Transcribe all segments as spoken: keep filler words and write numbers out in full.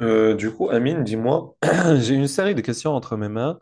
Euh, du coup, Amine, dis-moi, j'ai une série de questions entre mes mains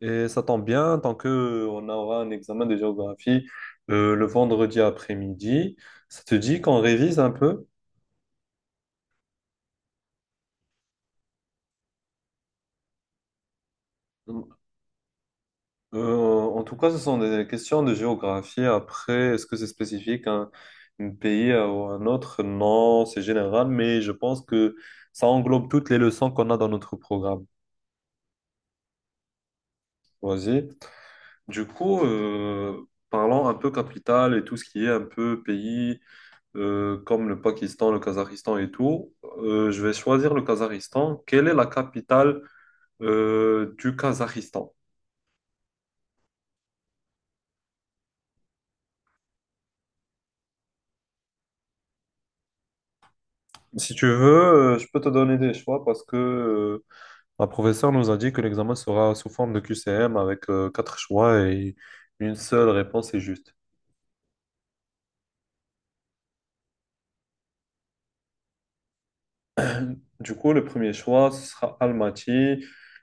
et ça tombe bien tant que euh, on aura un examen de géographie euh, le vendredi après-midi. Ça te dit qu'on révise un peu? Euh, en tout cas, ce sont des questions de géographie. Après, est-ce que c'est spécifique à un, un pays euh, ou à un autre? Non, c'est général, mais je pense que ça englobe toutes les leçons qu'on a dans notre programme. Vas-y. Du coup, euh, parlons un peu capitale et tout ce qui est un peu pays euh, comme le Pakistan, le Kazakhstan et tout, euh, je vais choisir le Kazakhstan. Quelle est la capitale euh, du Kazakhstan? Si tu veux, euh, je peux te donner des choix parce que euh, ma professeure nous a dit que l'examen sera sous forme de Q C M avec euh, quatre choix et une seule réponse est juste. Du coup, le premier choix, ce sera Almaty.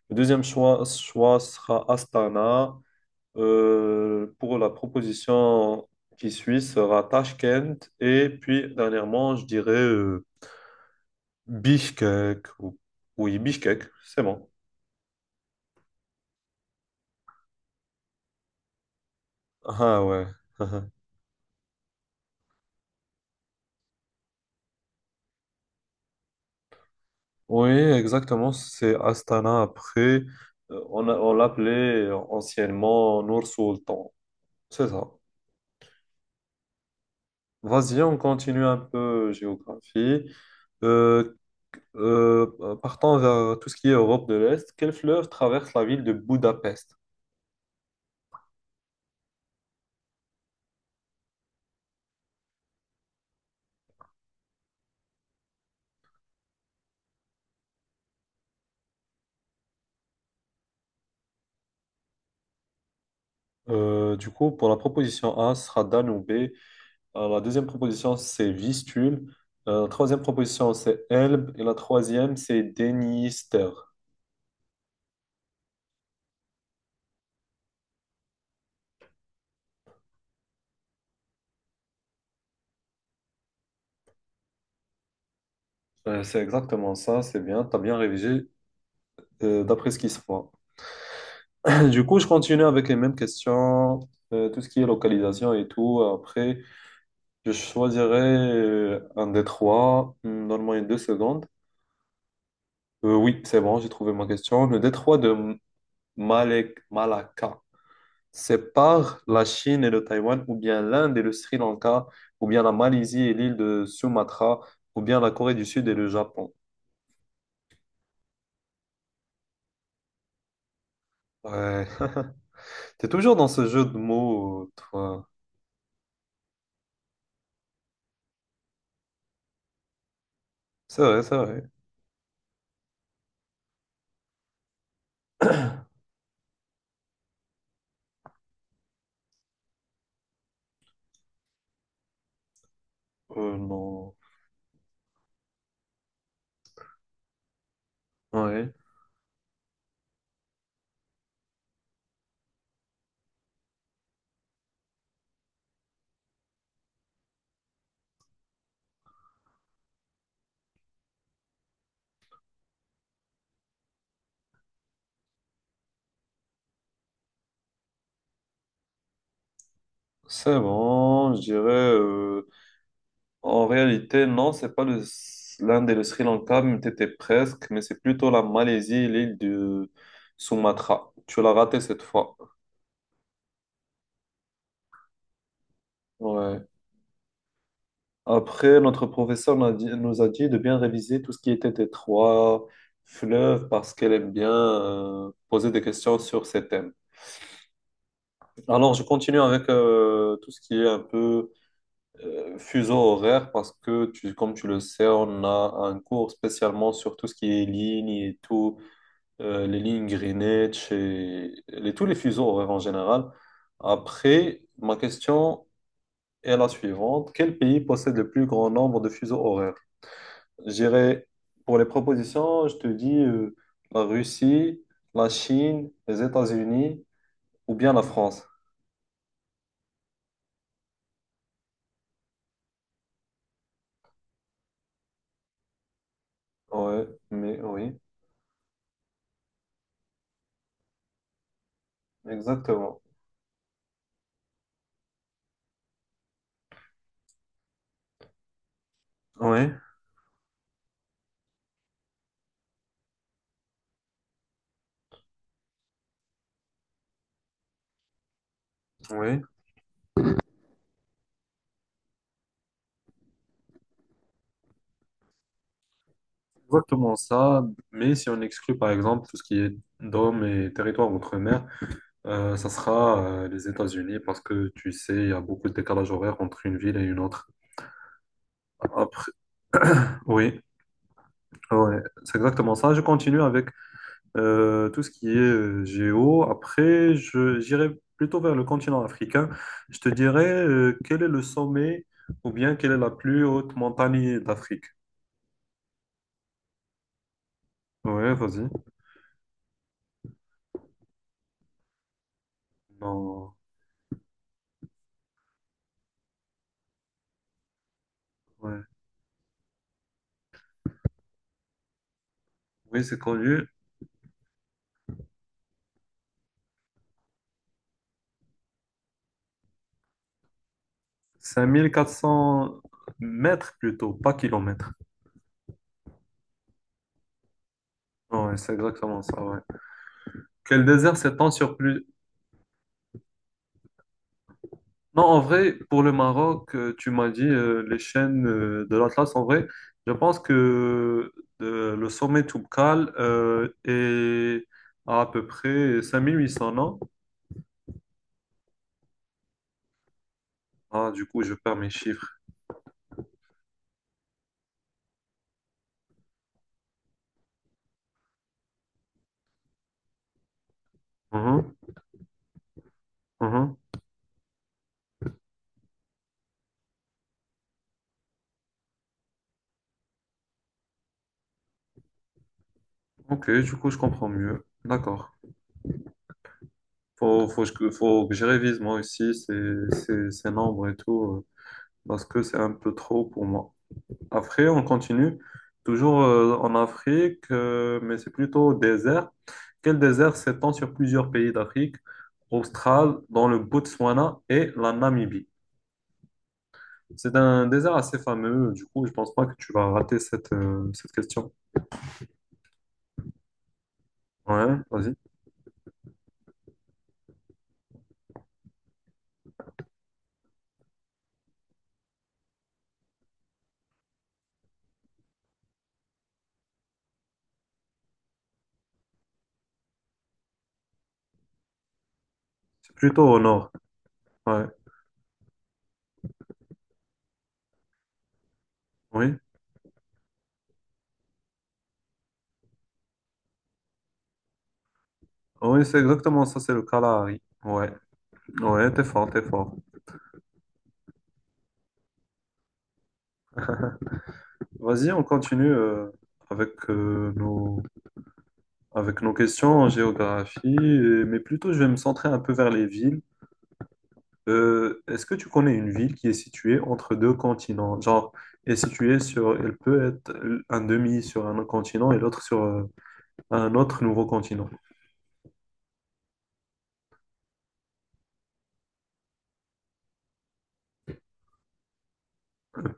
Le deuxième choix, choix sera Astana. Euh, pour la proposition qui suit sera Tashkent et puis dernièrement, je dirais euh, Bishkek. Ou- Oui, Bishkek, c'est bon. Ah ouais. Oui, exactement, c'est Astana après. Euh, On, a- on l'appelait anciennement Nour Sultan. C'est ça. Vas-y, on continue un peu géographie. Euh, euh, Partons vers tout ce qui est Europe de l'Est. Quelle fleuve traverse la ville de Budapest? Euh, du coup, pour la proposition A, ce sera Danube. Alors, la deuxième proposition, c'est Vistule. Euh, la troisième proposition, c'est Elbe. Et la troisième, c'est Dniester. Euh, c'est exactement ça, c'est bien. Tu as bien révisé euh, d'après ce qui se voit. Du coup, je continue avec les mêmes questions, euh, tout ce qui est localisation et tout. Après, je choisirai euh, un détroit. Hmm, donne-moi une deux secondes. Euh, oui, c'est bon, j'ai trouvé ma question. Le détroit de M- Malek- Malacca sépare la Chine et le Taïwan, ou bien l'Inde et le Sri Lanka, ou bien la Malaisie et l'île de Sumatra, ou bien la Corée du Sud et le Japon. Ouais. T'es toujours dans ce jeu de mots, toi. C'est vrai, c'est vrai. Euh, non. Ouais. C'est bon, je dirais. euh, En réalité, non, c'est pas le... l'Inde et le Sri Lanka, mais t'étais presque, mais c'est plutôt la Malaisie et l'île de Sumatra. Tu l'as raté cette fois. Ouais. Après, notre professeur nous a dit, nous a dit de bien réviser tout ce qui était des trois fleuves parce qu'elle aime bien euh, poser des questions sur ces thèmes. Alors, je continue avec euh, tout ce qui est un peu euh, fuseau horaire parce que, tu, comme tu le sais, on a un cours spécialement sur tout ce qui est lignes et tout, euh, les lignes Greenwich et les- tous les fuseaux horaires en général. Après, ma question est la suivante. Quel pays possède le plus grand nombre de fuseaux horaires? J'irai pour les propositions, je te dis euh, la Russie, la Chine, les États-Unis ou bien la France. Ouais, mais oui, exactement. Oui, oui, exactement ça. Mais si on exclut par exemple tout ce qui est dôme et territoire outre-mer, euh, ça sera euh, les États-Unis parce que tu sais, il y a beaucoup de décalage horaire entre une ville et une autre. Après, oui, ouais, c'est exactement ça. Je continue avec euh, tout ce qui est euh, géo. Après, je, j'irai plutôt vers le continent africain. Je te dirais euh, quel est le sommet ou bien quelle est la plus haute montagne d'Afrique. Ouais, vas-y. Non, ouais. Oui, c'est connu. Cinq mille quatre cents mètres plutôt, pas kilomètres. Ouais, c'est exactement ça, ouais. Quel désert s'étend sur plus... Non, en vrai, pour le Maroc, euh, tu m'as dit euh, les chaînes euh, de l'Atlas. En vrai, je pense que euh, le sommet Toubkal euh, est à, à peu près cinq mille huit cents non? Ah, du coup, je perds mes chiffres. Mhm, mhm. Ok, du coup, je comprends mieux. D'accord. Faut, faut, que- faut que je révise moi aussi ces, ces, ces nombres et tout, euh, parce que c'est un peu trop pour moi. Après, on continue toujours euh, en Afrique, euh, mais c'est plutôt au désert. Quel désert s'étend sur plusieurs pays d'Afrique australe, dans le Botswana et la Namibie? C'est un désert assez fameux, du coup, je pense pas que tu vas rater cette, euh, cette question. Ouais, vas-y. C'est plutôt au nord. Ouais, oui. Oui, c'est exactement ça, c'est le Kalahari. Ouais, ouais, t'es fort, t'es fort. Vas-y, on continue euh, avec euh, nos Avec nos questions en géographie, euh, mais plutôt je vais me centrer un peu vers les villes. Euh, est-ce que tu connais une ville qui est située entre deux continents? Genre, est située sur, elle peut être un demi sur un continent et l'autre sur euh, un autre nouveau continent.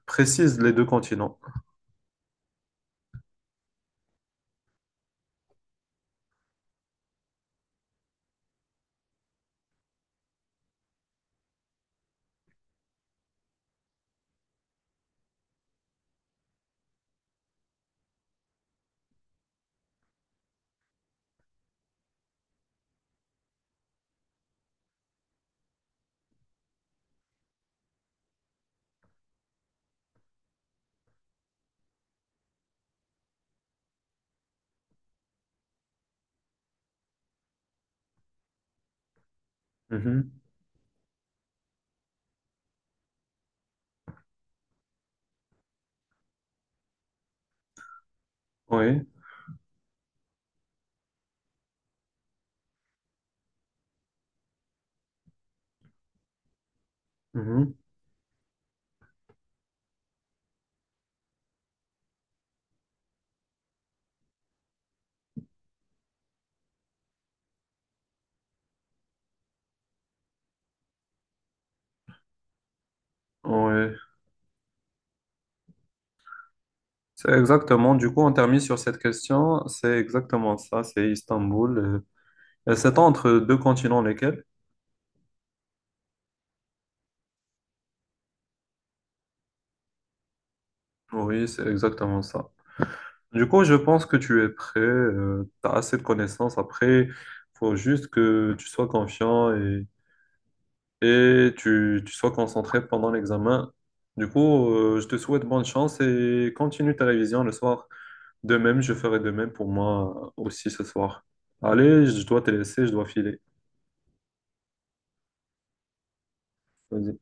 Précise les deux continents. Mhm. Oui. Mhm. Oui. C'est exactement, du coup, on termine sur cette question. C'est exactement ça, c'est Istanbul. Euh, et c'est entre deux continents lesquels? Oui, c'est exactement ça. Du coup, je pense que tu es prêt, tu as assez de connaissances. Après, faut juste que tu sois confiant et, et tu, tu sois concentré pendant l'examen. Du coup, euh, je te souhaite bonne chance et continue ta révision le soir. De même, je ferai de même pour moi aussi ce soir. Allez, je dois te laisser, je dois filer. Vas-y.